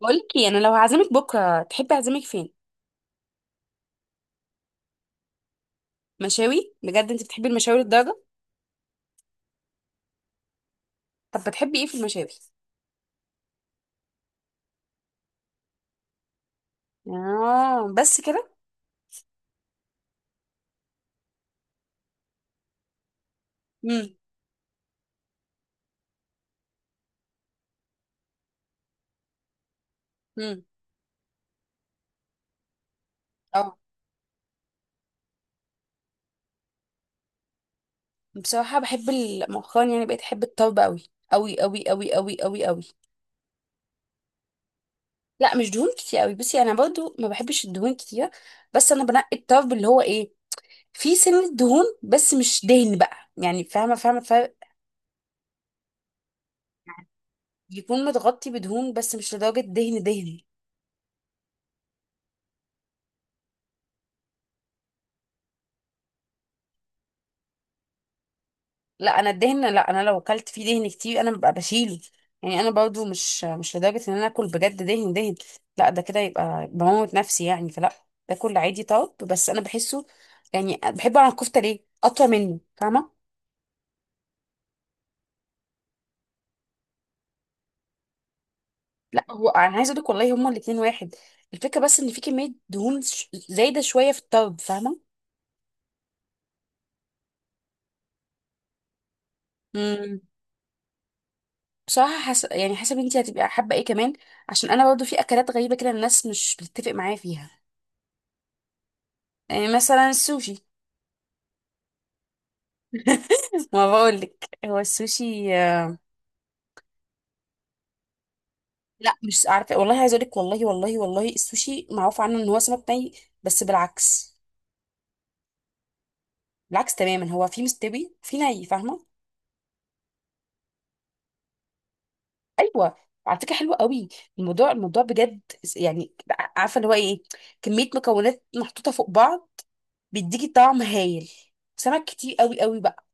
بقولك ايه، انا لو هعزمك بكره تحبي اعزمك فين؟ مشاوي؟ بجد انت بتحبي المشاوي للدرجه؟ طب بتحبي ايه في المشاوي؟ اه بس كده؟ امم امم اه، بصراحه بحب مؤخرا يعني بقيت احب الطرب قوي قوي قوي قوي قوي قوي قوي. لا مش دهون كتير قوي، بصي انا برضو ما بحبش الدهون كتير. بس انا بنقي الطرب اللي هو ايه، فيه سنه دهون بس مش دهن بقى، يعني فاهمه فاهمه الفرق. يكون متغطي بدهون بس مش لدرجه دهن دهن. لا انا لو اكلت فيه دهن كتير انا ببقى بشيله. يعني انا برضو مش لدرجه ان انا اكل بجد دهن دهن، لا ده كده يبقى بموت نفسي يعني فلا. باكل عادي طرب بس انا بحسه، يعني بحب على الكفته ليه اطول منه، فاهمه؟ لا هو انا عايزه اقول لك والله هما الاتنين واحد، الفكره بس ان في كميه دهون زايده شويه في الطرب، فاهمه؟ امم بصراحه يعني حسب انت هتبقى حابه ايه كمان، عشان انا برضو في اكلات غريبه كده الناس مش بتتفق معايا فيها. يعني مثلا السوشي. ما بقولك هو السوشي، لا مش عارفه والله، عايزه اقول لك والله والله والله السوشي معروف عنه ان هو سمك ني، بس بالعكس. بالعكس تماما، هو في مستوي في ني، فاهمه؟ ايوه، على فكره حلوه قوي، الموضوع الموضوع بجد، يعني عارفه اللي هو ايه، كميه مكونات محطوطه فوق بعض بيديكي طعم هايل، سمك كتير قوي قوي بقى.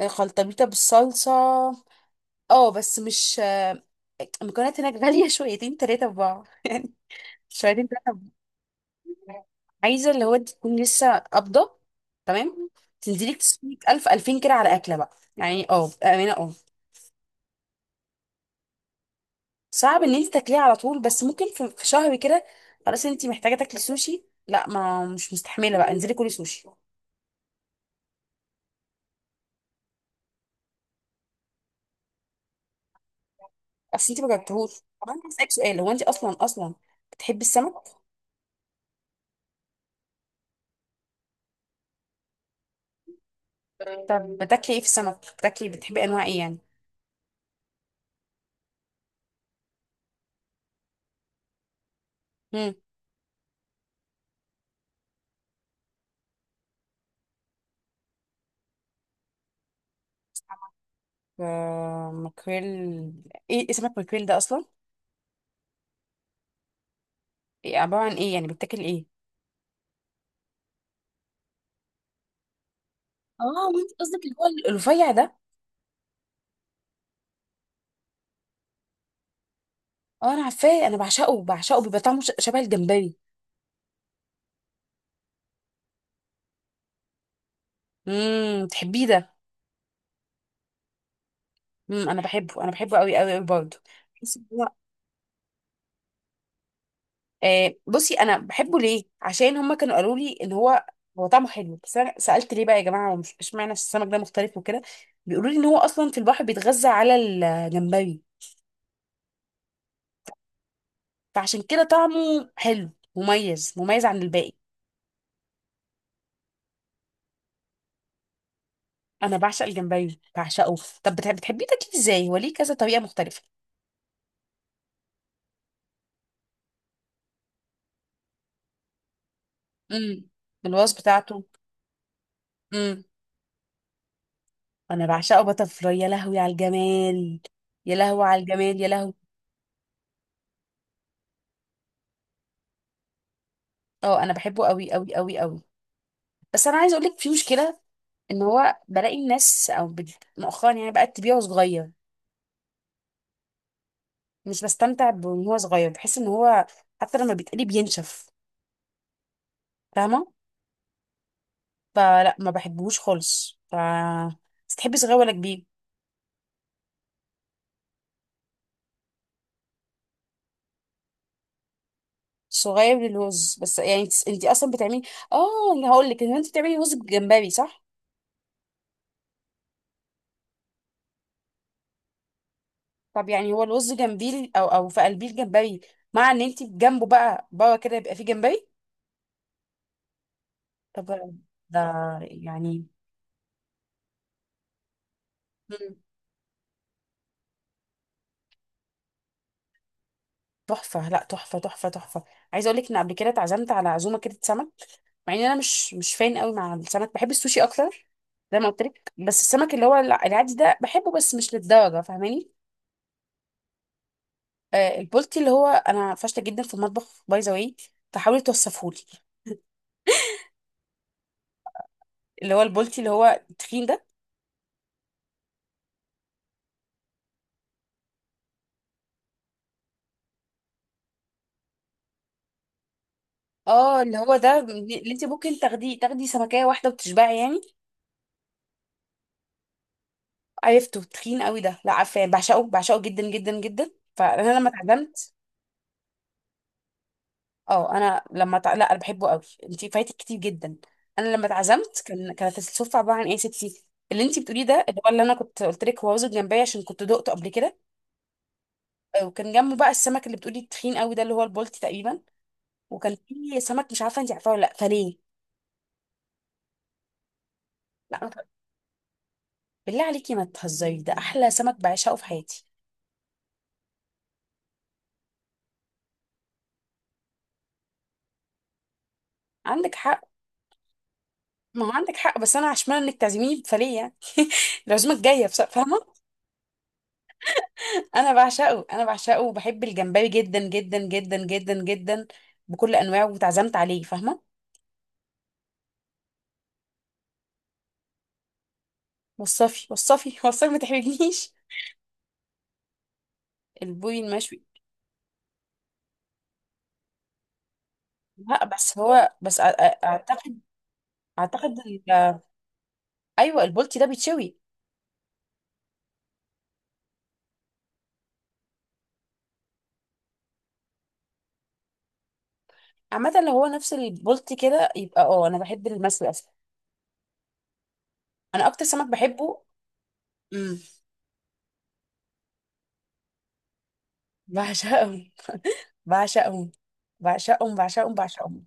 آه، خلطبيطه بالصلصه. اه بس مش، المكونات هناك غاليه شويتين ثلاثه في بعض يعني شويتين. عايزه اللي هو انت تكون لسه قابضه، تمام، تنزلي تصرفي 1000 2000 كده على أكلة بقى، يعني اه بأمانة اه. صعب إن أنت تاكليه على طول، بس ممكن في شهر كده، خلاص أنت محتاجة تاكلي سوشي، لا ما مش مستحملة بقى انزلي كلي سوشي. أصل أنت ما جربتهوش. طب أنا هسألك سؤال، هو أنت أصلا أصلا بتحبي السمك؟ طب بتاكلي إيه في السمك؟ بتحبي أنواع إيه يعني؟ مم. آه، ماكريل، إيه اسمك ماكريل ده أصلا؟ إيه عبارة عن إيه، يعني بتاكل إيه؟ اه، وانت قصدك اللي هو الرفيع ده. اه انا عارفاه، انا بعشقه بعشقه، بيبقى طعمه شبه الجمبري. تحبيه ده؟ انا بحبه، انا بحبه قوي قوي قوي برضه. بحس إن هو- آه، بصي انا بحبه ليه؟ عشان هما كانوا قالوا لي ان هو هو طعمه حلو، بس انا سالت ليه بقى يا جماعه، هو مش اشمعنى السمك ده مختلف وكده، بيقولوا لي ان هو اصلا في البحر بيتغذى على الجمبري، فعشان كده طعمه حلو، مميز مميز عن الباقي. انا بعشق الجمبري بعشقه. طب بتحبيه تاكليه ازاي، هو ليه كذا طريقه مختلفه؟ امم الوصف بتاعته، انا بعشقه باتر فلاي، يا لهوي على الجمال، يا لهوي على الجمال يا لهوي. اه انا بحبه قوي قوي قوي قوي. بس انا عايز اقول لك في مشكله، ان هو بلاقي الناس او مؤخرا يعني بقت تبيعه صغير، مش بستمتع بان هو صغير، بحس ان هو حتى لما بيتقلي بينشف، فاهمه؟ فلا ما بحبهوش خالص ف، بس تحبي صغير ولا كبير؟ صغير للوز. بس يعني انت اصلا بتعملي، اه اللي هقول لك ان انت بتعملي رز بجمبري صح؟ طب يعني هو الرز جنبيه او في قلبيه الجمبري، مع ان انت جنبه بقى بره كده يبقى فيه جمبري؟ طب ده يعني، مم. تحفه، لا تحفه تحفه تحفه. عايزه اقول لك ان قبل كده اتعزمت على عزومه كده سمك، مع ان انا مش فان قوي مع السمك، بحب السوشي اكتر زي ما قلت لك. بس السمك اللي هو العادي ده بحبه، بس مش للدرجه، فاهماني؟ آه، البولتي اللي هو، انا فاشله جدا في المطبخ باي ذا واي، فحاولي توصفهولي، اللي هو البولتي اللي هو التخين ده؟ اه، اللي هو ده اللي انت ممكن تاخدي سمكية واحدة وتشبعي يعني؟ عرفته تخين قوي ده؟ لا عارفاه، بعشقه بعشقه جدا جدا جدا، فانا لما اتعزمت، اه انا لما لا انا بحبه قوي، انت فايتك كتير جدا. انا لما اتعزمت، كانت السفرة عبارة عن ايه يا ستي؟ اللي انت بتقوليه ده اللي هو اللي انا كنت قلت لك، هو رز الجمبري عشان كنت دقته قبل كده، آه، وكان جنبه بقى السمك اللي بتقولي التخين قوي ده اللي هو البولتي تقريبا، وكان في سمك مش عارفه انت عارفاه ولا لا فليه. لا ما تهزريش. بالله عليكي ما تهزري، ده احلى سمك بعشقه في حياتي. عندك حق، ما هو عندك حق، بس انا عشان انك تعزميني فليه يعني، العزومه الجايه فاهمه. انا بعشقه انا بعشقه، وبحب الجمبري جدا جدا جدا جدا جدا بكل انواعه، واتعزمت عليه، فاهمه؟ وصفي وصفي وصفي ما تحرجنيش. البوري المشوي، لا بس هو بس اعتقد، اعتقد ايوه، البولتي ده بيتشوي. عامه لو هو نفس البولتي كده يبقى اه، انا بحب المشوي اصلا، انا اكتر سمك بحبه. امم بعشقه بعشقهم بعشقهم بعشقهم بعشقهم.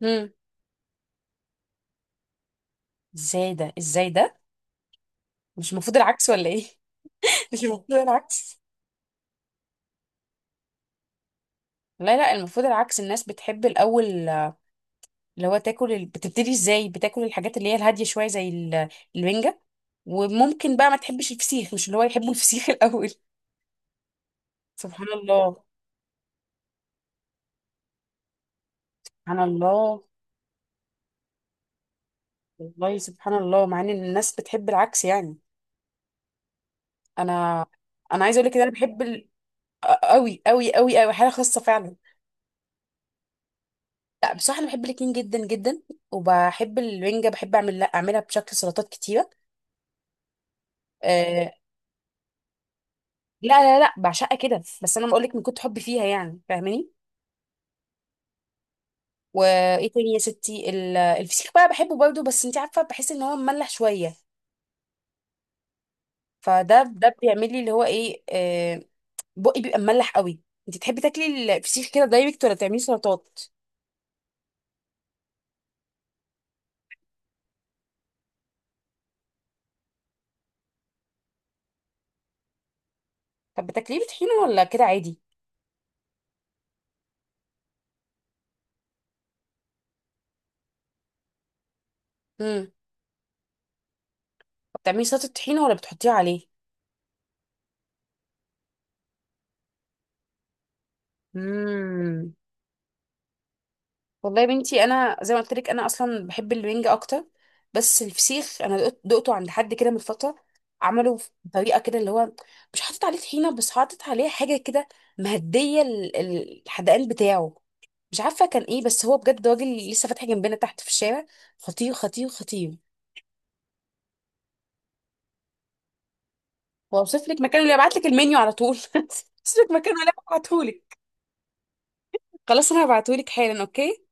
مم. ازاي ده ازاي ده؟ مش المفروض العكس ولا ايه؟ مش المفروض العكس؟ لا لا المفروض العكس، الناس بتحب الاول، اللي هو تاكل بتبتدي ازاي، بتاكل الحاجات اللي هي الهاديه شويه زي الرنجه، وممكن بقى ما تحبش الفسيخ، مش اللي هو يحبوا الفسيخ الاول. سبحان الله، سبحان الله، والله سبحان الله مع ان الناس بتحب العكس يعني. انا انا عايزه اقول لك إن انا بحب قوي قوي قوي قوي، حاله خاصه فعلا. لا بصراحه انا بحب الاتنين جدا جدا، وبحب الرنجه، بحب لا اعملها بشكل سلطات كتيره، آه. لا لا لا بعشقها كده، بس انا بقول لك من كنت حبي فيها يعني، فاهماني؟ وايه تاني يا ستي، الفسيخ بقى بحبه برضه، بس انت عارفه بحس ان هو مملح شويه، فده بيعمل لي اللي هو ايه آه، بقي بيبقى مملح قوي. انت تحبي تاكلي الفسيخ كده دايركت ولا بتعملي سلطات؟ طب بتاكليه بطحينه ولا كده عادي؟ امم بتعملي سلطه طحينه ولا بتحطيها عليه؟ امم والله يا بنتي، انا زي ما قلت لك انا اصلا بحب الرنج اكتر. بس الفسيخ انا دقته عند حد كده من فتره، عمله بطريقه كده اللي هو مش حاطط عليه طحينه، بس حاطط عليه حاجه كده مهديه الحدقان بتاعه، مش عارفه كان ايه، بس هو بجد راجل لسه فاتح جنبنا تحت في الشارع، خطير خطير خطير. واوصف لك مكانه اللي ابعت لك المنيو على طول، اوصف لك مكانه اللي ابعته لك، خلاص انا هبعته لك حالا، اوكي.